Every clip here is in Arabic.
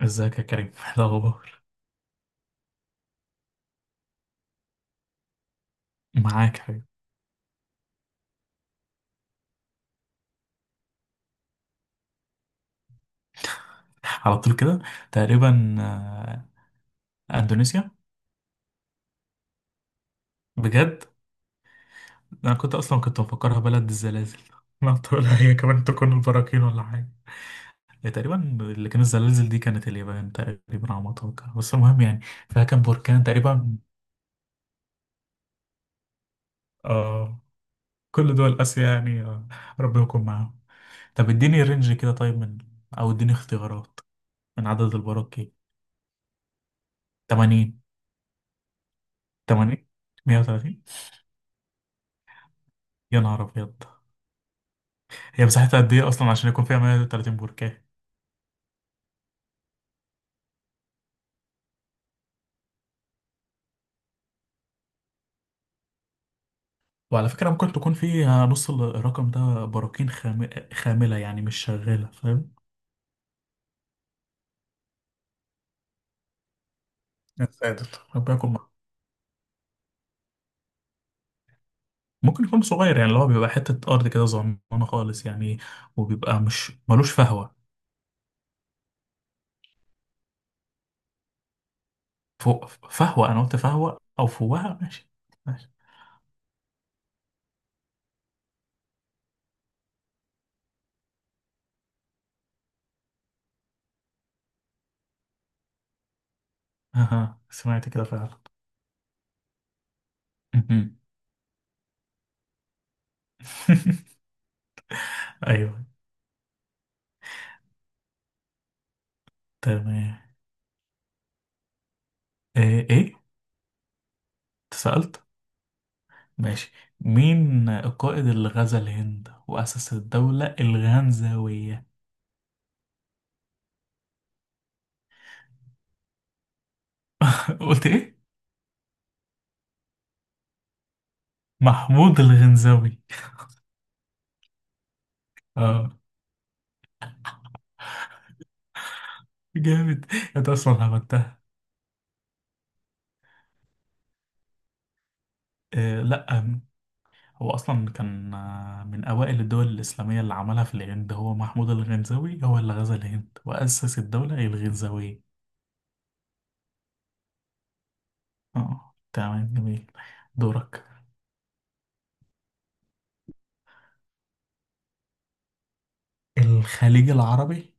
ازيك يا كريم إيه الاخبار؟ معاك يا حبيبي على طول كده. تقريبا اندونيسيا. بجد. انا كنت اصلا مفكرها بلد الزلازل ما تقول هي كمان تكون البراكين ولا حاجه. هي تقريبا اللي كان الزلازل دي كانت اليابان تقريبا على ما اتوقع، بس المهم يعني فيها كان بركان تقريبا. آه. كل دول اسيا يعني آه. ربنا يكون معاهم. طب اديني رينج كده، طيب من، او اديني اختيارات من عدد البراكين. 80. 80. 130. يا نهار ابيض. هي مساحتها قد ايه اصلا عشان يكون فيها 130 بركة؟ وعلى فكرة ممكن تكون فيها نص الرقم ده براكين خاملة يعني مش شغالة فاهم. يا ساتر ربنا يكون معاك. ممكن يكون صغير يعني اللي هو بيبقى حتة أرض كده صغننة خالص يعني. وبيبقى مش ملوش فهوة. فوق. فهوة أنا قلت فهوة أو فوهة ماشي. ماشي. أها سمعت كده فعلا. أيوه. تمام. إيه إيه؟ اتسألت. ماشي. مين القائد اللي غزا الهند وأسس الدولة الغنزاوية؟ قلت إيه؟ محمود الغنزاوي. اه، جامد. انت اصلا عملتها. آه لا. هو اصلا كان من اوائل الدول الاسلاميه اللي عملها في الهند، هو محمود الغنزاوي، هو اللي غزا الهند واسس الدوله الغنزاويه. اه تمام جميل. دورك. الخليج العربي.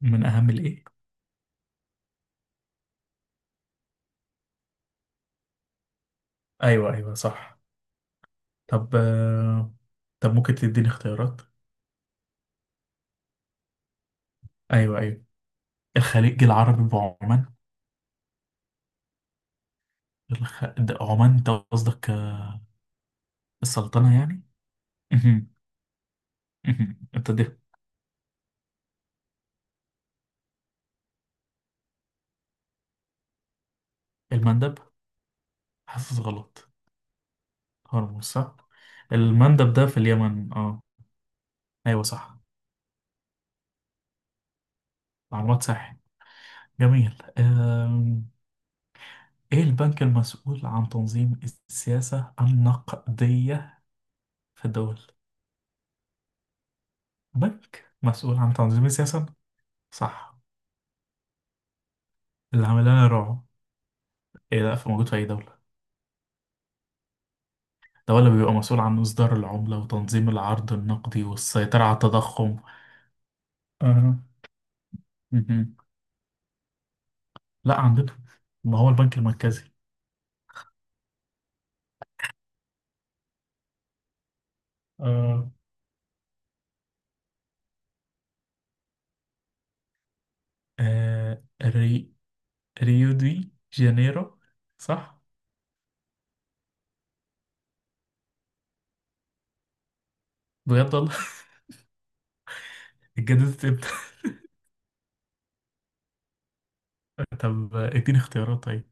من اهم الايه؟ ايوه ايوه صح. طب طب ممكن تديني اختيارات. ايوه ايوه. الخليج العربي وعمان. ده عمان انت قصدك السلطنة يعني. مهم. مهم، انت ده المندب، حاسس غلط. هرمز صح. المندب ده في اليمن اه. ايوه صح. معلومات صح. جميل ايه البنك المسؤول عن تنظيم السياسة النقدية في الدول؟ بنك مسؤول عن تنظيم السياسة. صح. اللي عامل لنا رعب. ايه ده موجود في اي دولة؟ الدولة بيبقى مسؤول عن إصدار العملة وتنظيم العرض النقدي والسيطرة على التضخم. أها. مهم. لا عندنا. ما هو البنك المركزي. آه. آه ري... ريو دي جانيرو، صح؟ بجد والله. اتجددت امتى؟ طب اديني اختيارات طيب.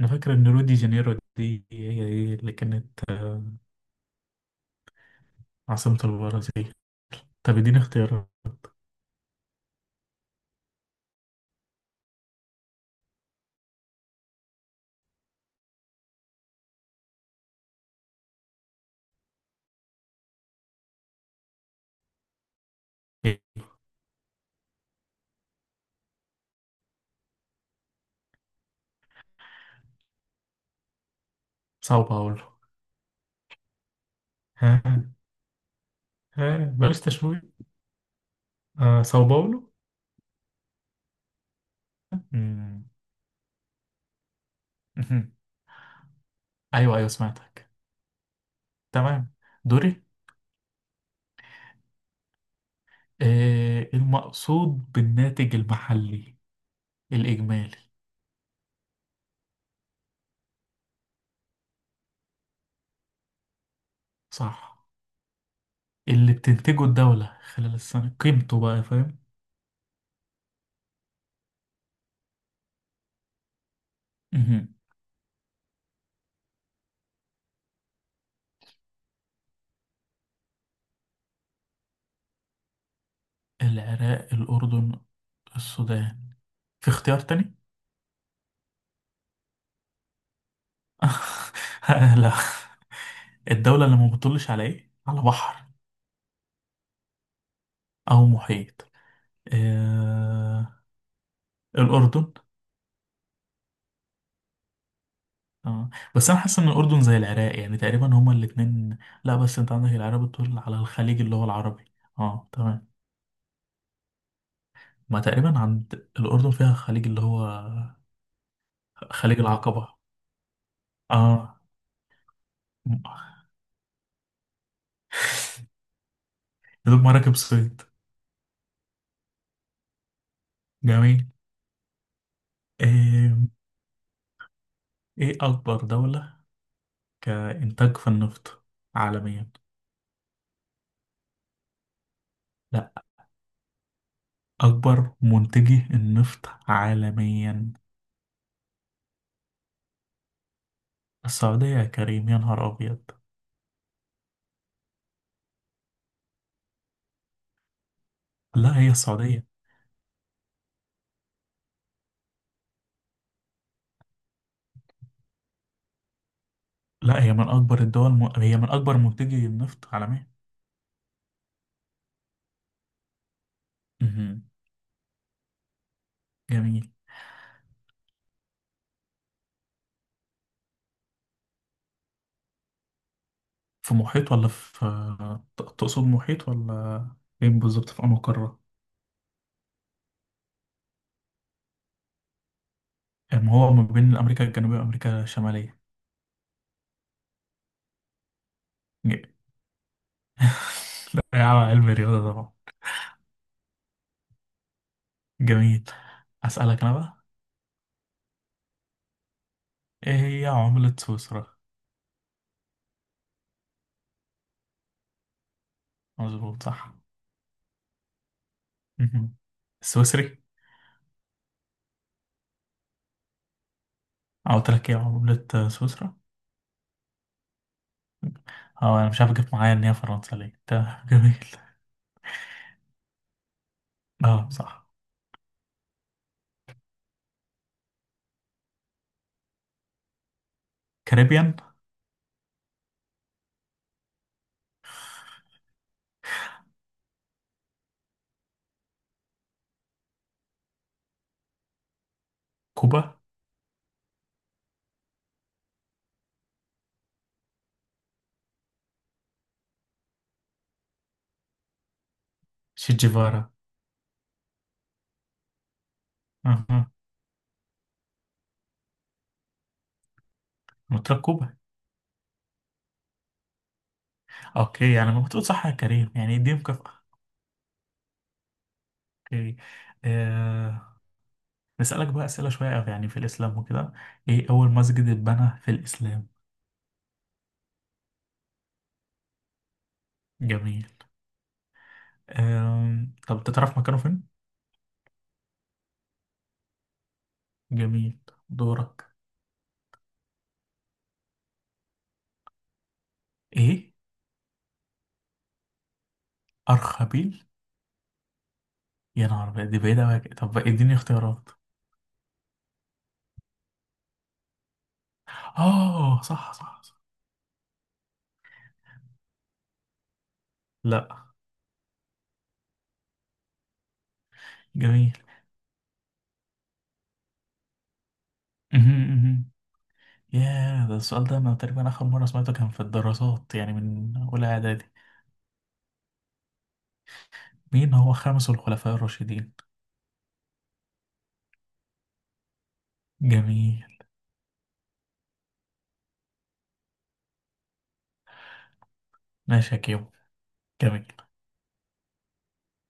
انا فاكر ان ريو دي جانيرو دي هي هي اللي كانت عاصمة البرازيل. طب اديني اختيارات. ساو باولو. ها. ها بلاش تشويق. آه ساو باولو. مم. ايوه ايوه سمعتك. تمام. دوري. آه المقصود بالناتج المحلي الاجمالي. صح. اللي بتنتجه الدولة خلال السنة قيمته بقى فاهم. مهم. العراق، الاردن، السودان. في اختيار تاني؟ لا. الدولة اللي ما بتطلش على ايه، على بحر او محيط. آه الاردن. اه. بس انا حاسس ان الاردن زي العراق يعني تقريبا هما الاتنين. لا بس انت عندك العراق بتطل على الخليج اللي هو العربي. اه تمام. ما تقريبا عند الاردن فيها خليج اللي هو خليج العقبة. اه. يا دوب مراكب صيد. جميل. ايه, ايه اكبر دولة كانتاج في النفط عالميا؟ لا. اكبر منتجي النفط عالميا؟ السعودية يا كريم يا نهار ابيض. لا هي السعودية. لا هي من أكبر الدول هي من أكبر منتجي النفط عالميا. مهم. جميل. في محيط ولا في، تقصد محيط ولا فين بالظبط، في أنهي قارة؟ يعني هو ما بين أمريكا الجنوبية وأمريكا الشمالية. ج... لا يا عم علم الرياضة طبعا. جميل. أسألك أنا بقى، إيه هي عملة سويسرا؟ مظبوط صح. مهم. السويسري؟ قلت لك إيه عملة سويسرا؟ أه أنا مش عارف جبت معايا إن هي فرنسا ليه، تمام جميل. أه صح. كاريبيان. كوبا. شيت. أها. مترقبة. اوكي يعني ما بتقول صح يا كريم يعني دي مكافأة. اوكي. آه. نسألك بقى أسئلة شوية يعني في الإسلام وكده. ايه أول مسجد اتبنى في الإسلام؟ جميل. آه. طب أنت تعرف مكانه فين. جميل. دورك. ايه أرخبيل؟ يا نهار أبيض، دي بعيدة أوي. طب بقى اديني اختيارات. اه صح صح صح. لا. جميل. مهم، مهم. ياه، ده السؤال ده أنا تقريبا آخر مرة سمعته كان في الدراسات يعني من أولى إعدادي. مين هو خامس الخلفاء الراشدين؟ جميل. ماشي يا كيمو. جميل.